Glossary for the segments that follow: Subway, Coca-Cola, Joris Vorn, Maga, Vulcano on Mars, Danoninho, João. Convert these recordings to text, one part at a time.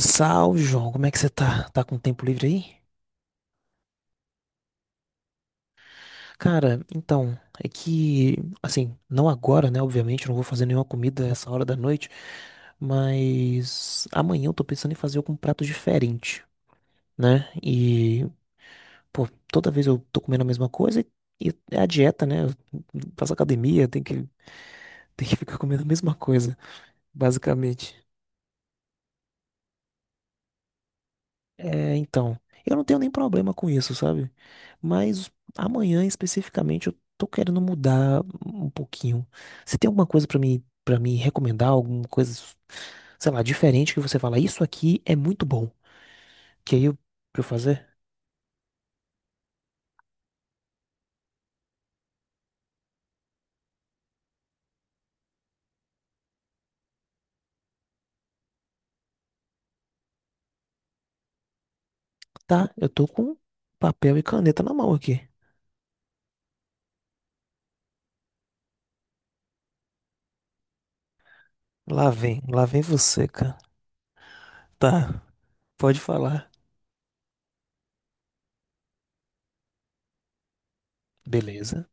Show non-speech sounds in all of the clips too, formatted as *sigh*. Salve, João. Como é que você tá? Tá com tempo livre aí? Cara, então, é que, assim, não agora, né? Obviamente, eu não vou fazer nenhuma comida essa hora da noite, mas amanhã eu tô pensando em fazer algum prato diferente, né? E, pô, toda vez eu tô comendo a mesma coisa e é a dieta, né? Eu faço academia, tem que, *laughs* tem que ficar comendo a mesma coisa, basicamente. É, então, eu não tenho nem problema com isso, sabe? Mas amanhã especificamente eu tô querendo mudar um pouquinho. Você tem alguma coisa pra me para me recomendar, alguma coisa, sei lá, diferente que você fala, isso aqui é muito bom, que aí eu pra eu fazer? Tá, eu tô com papel e caneta na mão aqui. Lá vem você, cara. Tá, pode falar. Beleza.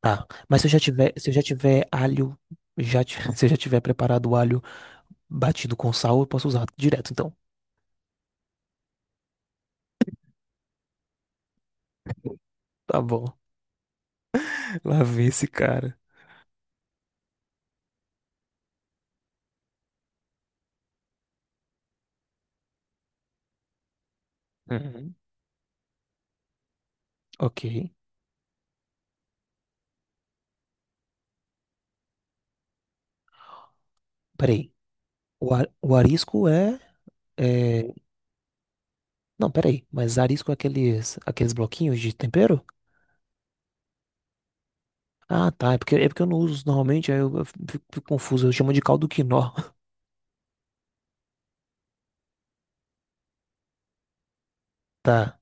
Tá. Mas se eu já tiver alho, *laughs* se eu já tiver preparado o alho batido com sal, eu posso usar direto, então. Tá bom. *laughs* Lá vem esse cara. Uhum. Ok. Peraí. O arisco é, é- Não, peraí. Mas arisco é aqueles bloquinhos de tempero? Ah, tá. É porque eu não uso normalmente, aí eu fico confuso. Eu chamo de caldo quinó. *laughs* Tá.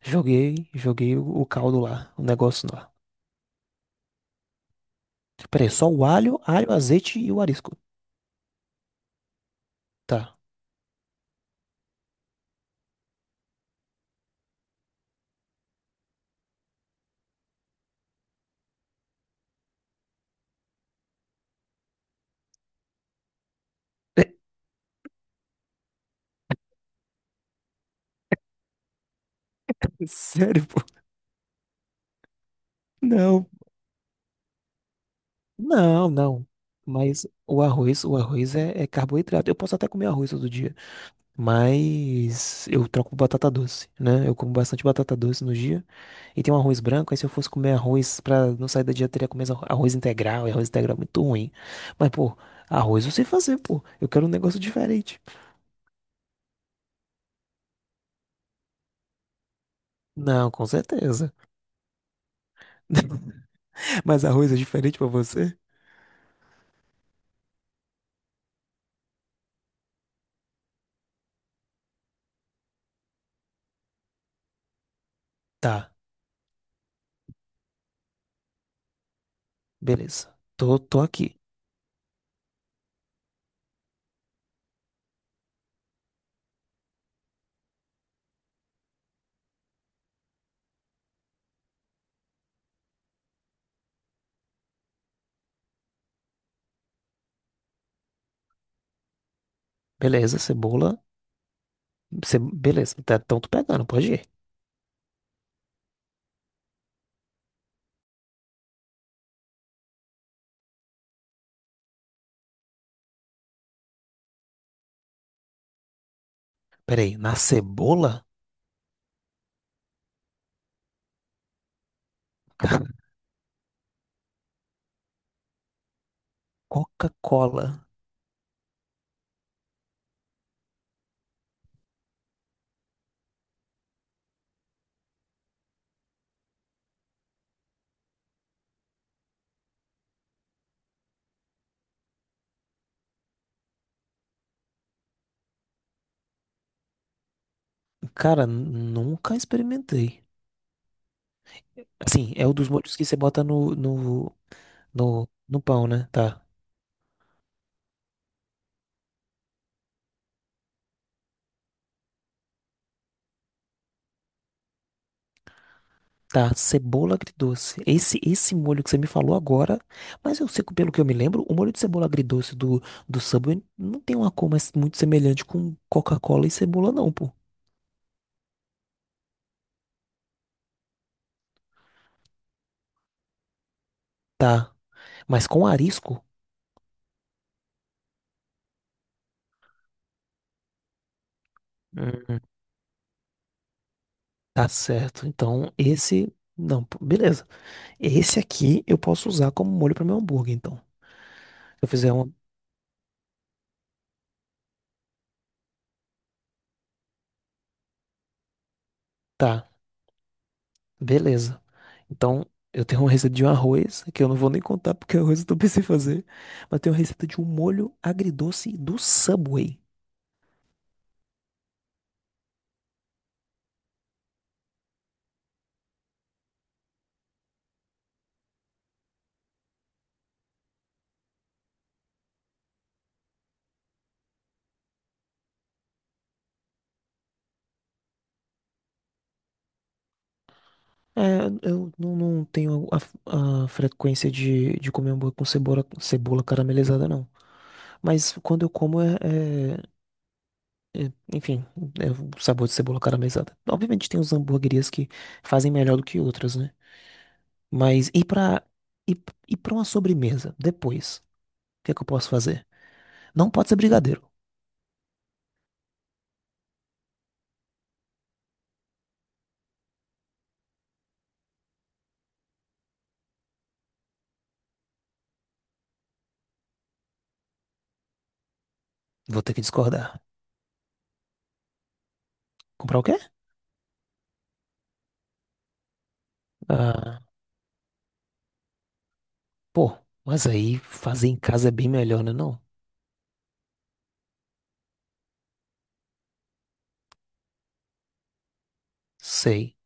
Joguei o caldo lá. O negócio lá. Peraí, só o alho, alho, azeite e o arisco. Tá. *laughs* Sério, pô? Não. Não, não. Mas o arroz é carboidrato. Eu posso até comer arroz todo dia, mas eu troco por batata doce, né? Eu como bastante batata doce no dia e tem um arroz branco. Aí se eu fosse comer arroz pra não sair da dieta, eu teria que comer arroz integral. E arroz integral é muito ruim. Mas pô, arroz eu sei fazer, pô. Eu quero um negócio diferente. Não, com certeza. *laughs* Mas arroz é diferente pra você? Tá, beleza. Tô aqui. Beleza, cebola. Beleza, tá, então tô pegando, pode ir. Peraí, na cebola? *laughs* Coca-Cola. Cara, nunca experimentei. Assim, é um dos molhos que você bota no pão, né? Tá. Tá, cebola agridoce. Esse molho que você me falou agora, mas eu sei que, pelo que eu me lembro, o molho de cebola agridoce do Subway não tem uma cor mais muito semelhante com Coca-Cola e cebola, não, pô. Tá, mas com arisco? Hum, tá certo. Então, esse. Não, pô, beleza. Esse aqui eu posso usar como molho para meu hambúrguer, então. Eu fizer um. Tá, beleza. Então, eu tenho uma receita de um arroz, que eu não vou nem contar porque o arroz eu não pensei em fazer. Mas tenho uma receita de um molho agridoce do Subway. É, eu não tenho a frequência de comer hambúrguer com cebola, cebola caramelizada, não. Mas quando eu como, enfim, o sabor de cebola caramelizada. Obviamente tem uns hambúrguerias que fazem melhor do que outras, né? Mas e e, pra uma sobremesa, depois, o que é que eu posso fazer? Não pode ser brigadeiro. Vou ter que discordar. Comprar o quê? Ah, pô, mas aí fazer em casa é bem melhor, né, não? Sei.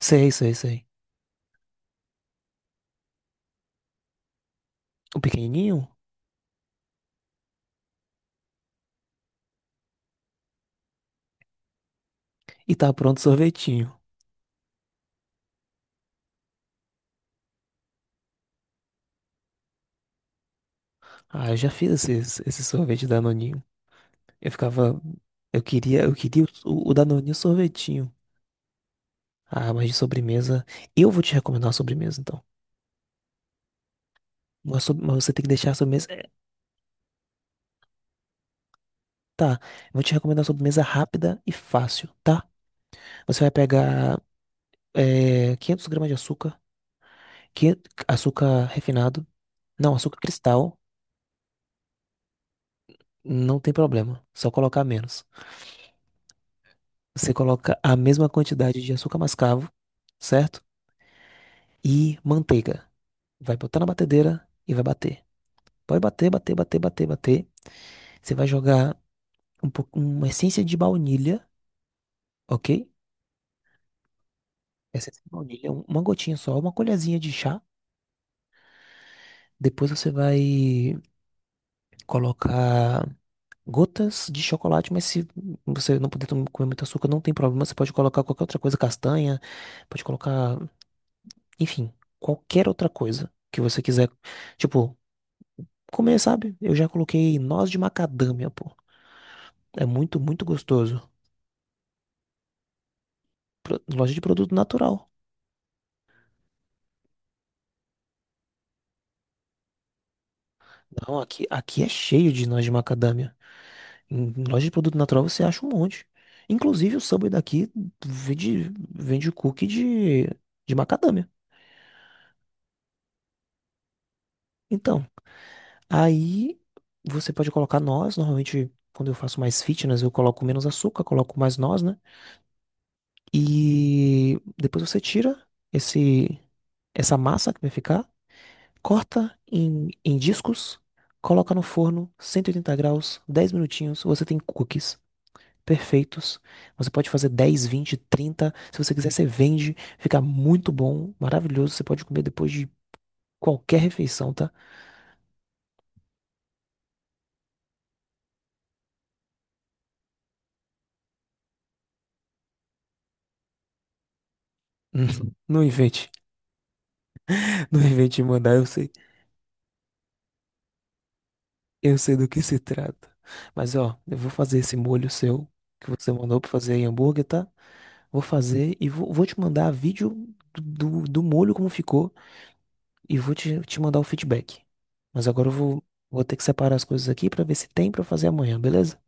Sei, sei, sei. O pequenininho? E tá pronto o sorvetinho. Ah, eu já fiz esse sorvete Danoninho. Eu ficava... Eu queria o Danoninho sorvetinho. Ah, mas de sobremesa... Eu vou te recomendar uma sobremesa, então. Mas você tem que deixar a sobremesa. Tá, eu vou te recomendar uma sobremesa rápida e fácil, tá? Você vai pegar 500 gramas de açúcar, que açúcar refinado, não, açúcar cristal, não tem problema, só colocar menos. Você coloca a mesma quantidade de açúcar mascavo, certo? E manteiga. Vai botar na batedeira e vai bater. Pode bater, bater, bater, bater, bater. Você vai jogar um pouco, uma essência de baunilha, ok? Essência de baunilha, uma gotinha só, uma colherzinha de chá. Depois você vai colocar gotas de chocolate, mas se você não puder comer muito açúcar, não tem problema. Você pode colocar qualquer outra coisa, castanha, pode colocar, enfim, qualquer outra coisa que você quiser. Tipo, comer, sabe? Eu já coloquei noz de macadâmia, pô. É muito, muito gostoso. Loja de produto natural. Não, aqui é cheio de noz de macadâmia. Em loja de produto natural você acha um monte. Inclusive o Subway daqui vende cookie de macadâmia. Então, aí você pode colocar noz. Normalmente, quando eu faço mais fitness, eu coloco menos açúcar, coloco mais noz, né? E depois você tira esse, essa massa que vai ficar, corta em discos, coloca no forno, 180 graus, 10 minutinhos. Você tem cookies perfeitos. Você pode fazer 10, 20, 30 Se você quiser, você vende. Fica muito bom, maravilhoso. Você pode comer depois de qualquer refeição, tá? *laughs* Não invente. Não invente em mandar. Eu sei do que se trata. Mas ó, eu vou fazer esse molho seu que você mandou pra fazer em hambúrguer, tá? Vou fazer e vou te mandar vídeo do molho como ficou e vou te mandar o feedback. Mas agora eu vou ter que separar as coisas aqui pra ver se tem pra fazer amanhã, beleza?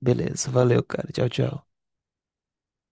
Beleza, valeu, cara. Tchau, tchau.